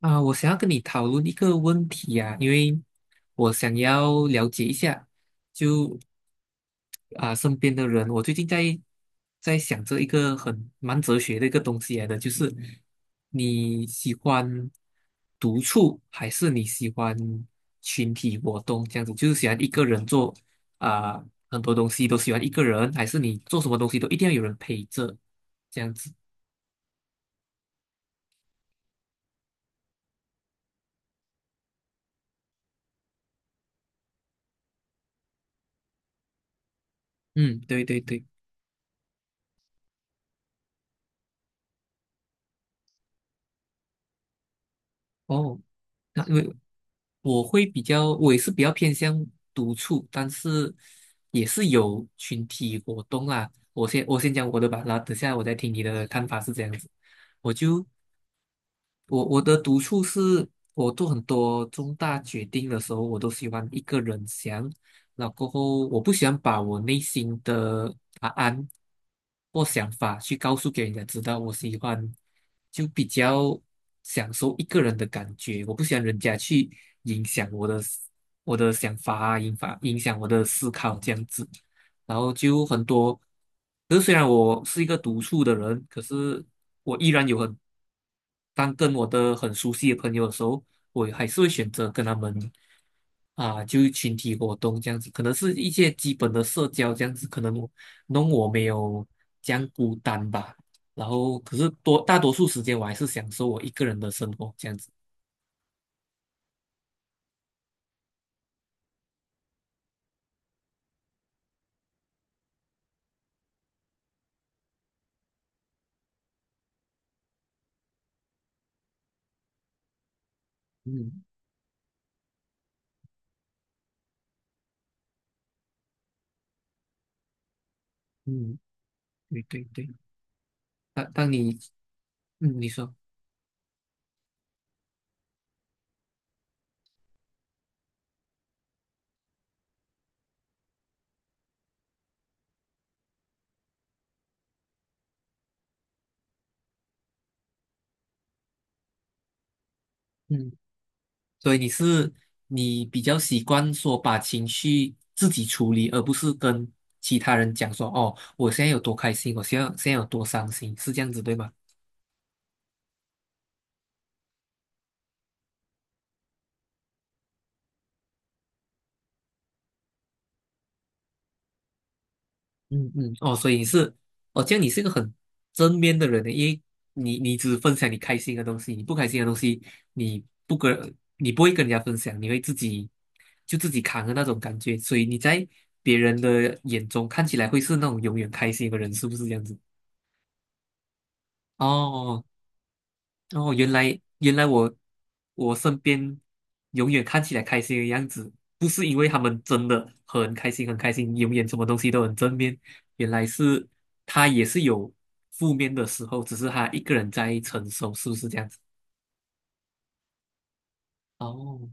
啊，我想要跟你讨论一个问题啊，因为我想要了解一下，就身边的人，我最近在想着一个很蛮哲学的一个东西来的，就是你喜欢独处还是你喜欢群体活动这样子，就是喜欢一个人做啊很多东西都喜欢一个人，还是你做什么东西都一定要有人陪着这样子？嗯，对对对，哦。那因为我会比较，我也是比较偏向独处，但是也是有群体活动啦。我先讲我的吧，然后等下我再听你的看法是这样子。我就我我的独处是，我做很多重大决定的时候，我都喜欢一个人想，然后过后我不喜欢把我内心的答案或想法去告诉给人家知道，我喜欢就比较享受一个人的感觉，我不喜欢人家去影响我的想法啊，影响我的思考这样子。然后就很多。可是虽然我是一个独处的人，可是我依然当跟我的很熟悉的朋友的时候，我还是会选择跟他们啊，就群体活动这样子，可能是一些基本的社交这样子，可能我没有这样孤单吧。然后，可是大多数时间我还是享受我一个人的生活这样子。嗯嗯，对对对，当你嗯你说。嗯。所以你是你比较习惯说把情绪自己处理，而不是跟其他人讲说哦，我现在有多开心，我现在有多伤心，是这样子对吗？嗯嗯，哦，所以你是哦，这样你是一个很正面的人呢，因为你你只分享你开心的东西，你不开心的东西你不跟你不会跟人家分享，你会自己就自己扛的那种感觉，所以你在别人的眼中看起来会是那种永远开心的人，是不是这样子？哦，哦，原来我身边永远看起来开心的样子，不是因为他们真的很开心很开心，永远什么东西都很正面，原来是他也是有负面的时候，只是他一个人在承受，是不是这样子？哦，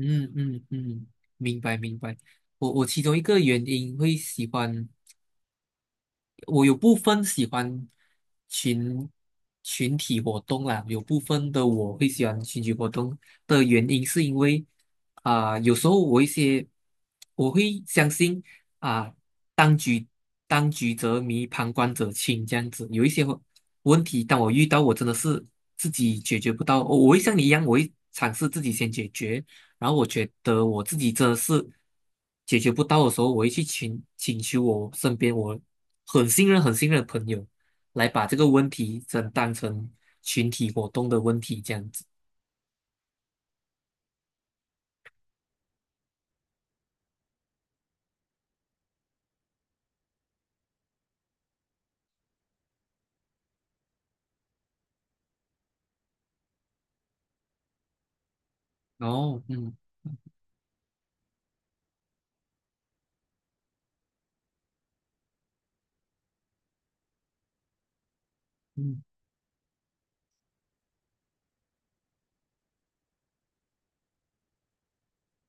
嗯嗯嗯，明白明白。我其中一个原因会喜欢。我有部分喜欢群群体活动啦，有部分的我会喜欢群体活动的原因是因为啊、有时候我一些我会相信啊、当局当局者迷，旁观者清这样子，有一些问题，当我遇到，我真的是自己解决不到，我会像你一样，我会尝试自己先解决。然后我觉得我自己真的是解决不到的时候，我会去请求我身边我很信任、很信任的朋友来把这个问题真当成群体活动的问题这样子。哦，嗯嗯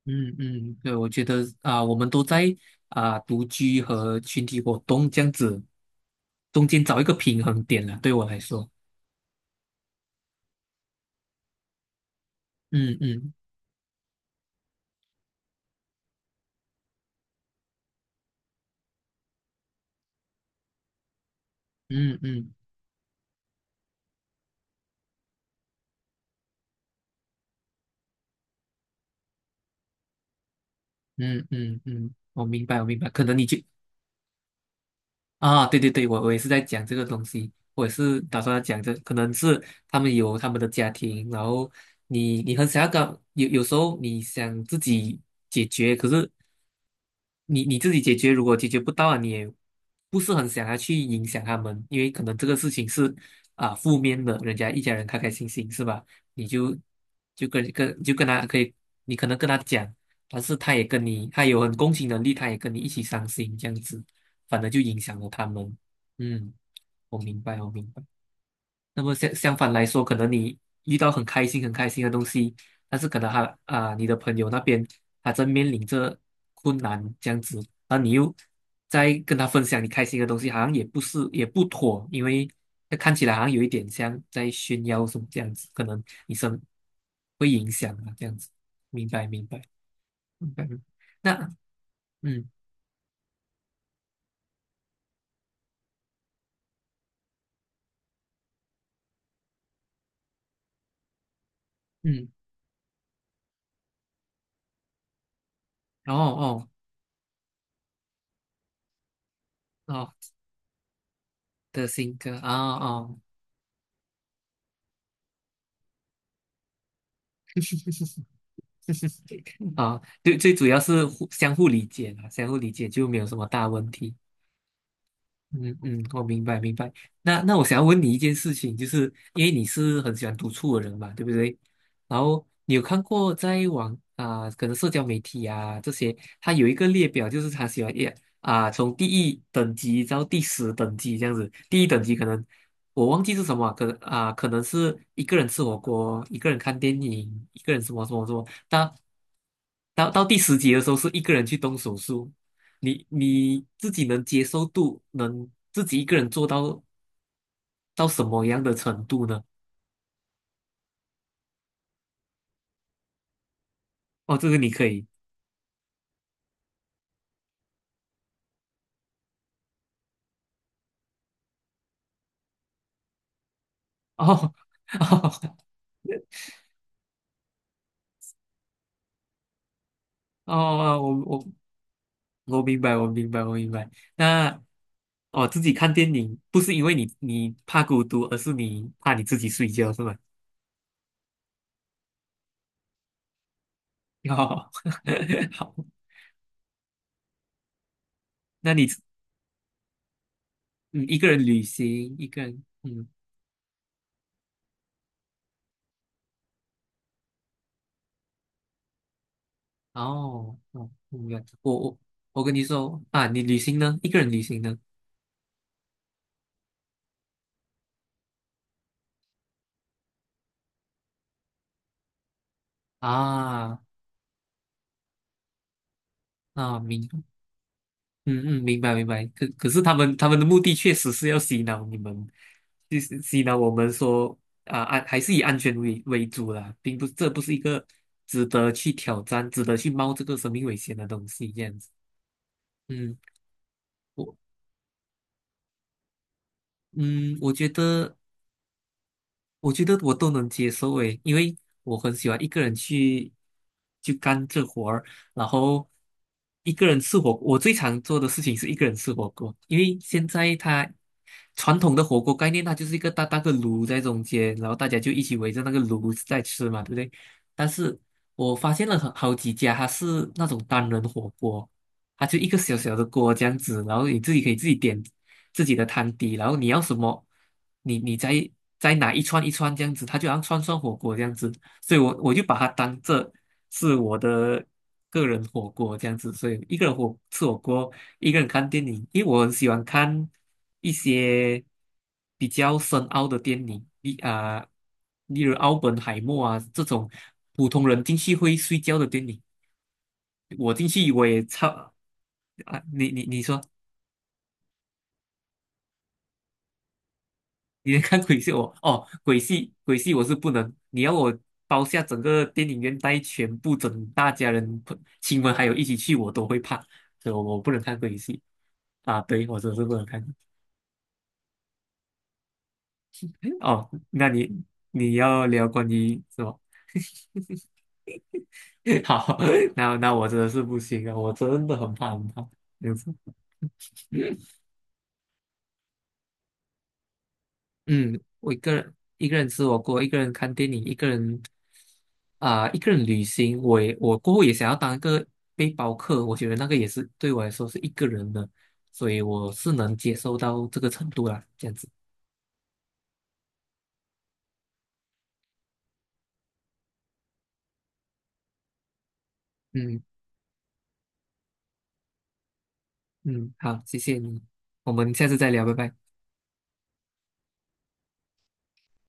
嗯嗯，对，我觉得啊、我们都在啊、独居和群体活动这样子中间找一个平衡点了，对我来说。嗯嗯嗯嗯嗯嗯嗯，我明白，我明白。可能你就啊，对对对，我也是在讲这个东西，我也是打算要讲这，可能是他们有他们的家庭，然后你很想要搞，有时候你想自己解决，可是你自己解决，如果解决不到啊，你也不是很想要去影响他们，因为可能这个事情是啊负面的，人家一家人开开心心是吧？你就就跟跟就跟他可以，你可能跟他讲，但是他也跟你，他有很共情能力，他也跟你一起伤心这样子，反而就影响了他们。嗯，我明白，我明白。那么相反来说，可能你遇到很开心、很开心的东西，但是可能他啊、你的朋友那边他正面临着困难这样子，然后你又在跟他分享你开心的东西，好像也不是也不妥，因为那看起来好像有一点像在炫耀什么这样子，可能你生会影响啊这样子。明白，明白，明白。明那嗯嗯，哦哦哦的新歌啊哦。哦 啊，最最主要是互相互理解啦，相互理解就没有什么大问题。嗯嗯，我明白明白。那我想要问你一件事情，就是因为你是很喜欢独处的人嘛，对不对？然后你有看过在可能社交媒体啊这些，它有一个列表，就是他喜欢也啊、从第一等级到第10等级这样子。第一等级可能我忘记是什么啊可能啊、可能是一个人吃火锅，一个人看电影，一个人什么什么什么。到第10级的时候，是一个人去动手术。你自己能接受度，能自己一个人做到什么样的程度呢？哦，这个你可以哦 哦哦，我我明白，我明白，我明白。那哦，自己看电影不是因为你怕孤独，而是你怕你自己睡觉，是吗？哦，好，那你一个人旅行，一个人嗯哦哦，明白。我我跟你说啊，你旅行呢？一个人旅行呢？啊啊，嗯嗯，明白明白。可是他们的目的确实是要洗脑你们，就是洗脑我们说还是以安全为主啦，并不这不是一个值得去挑战、值得去冒这个生命危险的东西这样子。嗯，我嗯我觉得。我觉得我都能接受诶，因为我很喜欢一个人去干这活儿，然后一个人吃火锅。我最常做的事情是一个人吃火锅，因为现在它传统的火锅概念，它就是一个大大个炉在中间，然后大家就一起围着那个炉子在吃嘛，对不对？但是我发现了很好几家，它是那种单人火锅，它就一个小小的锅这样子，然后你自己可以自己点自己的汤底，然后你要什么，你再拿一串一串这样子，它就好像串串火锅这样子，所以我就把它当这是我的个人火锅这样子，所以一个人火锅，一个人看电影，因为我很喜欢看一些比较深奥的电影，例如《奥本海默》啊这种普通人进去会睡觉的电影。我进去我也超啊，你说，你看鬼戏我哦，鬼戏我是不能，你要我包下整个电影院带全部整大家人朋亲们还有一起去，我都会怕，所以我不能看鬼戏啊，对我真是不能看。哦，那你你要聊关于是吧？好，那我真的是不行啊，我真的很怕很怕这样子。嗯，我一个人吃火锅，一个人看电影，一个人啊、一个人旅行。我过后也想要当一个背包客，我觉得那个也是对我来说是一个人的，所以我是能接受到这个程度啦，这样子。嗯嗯，好，谢谢你，我们下次再聊，拜拜。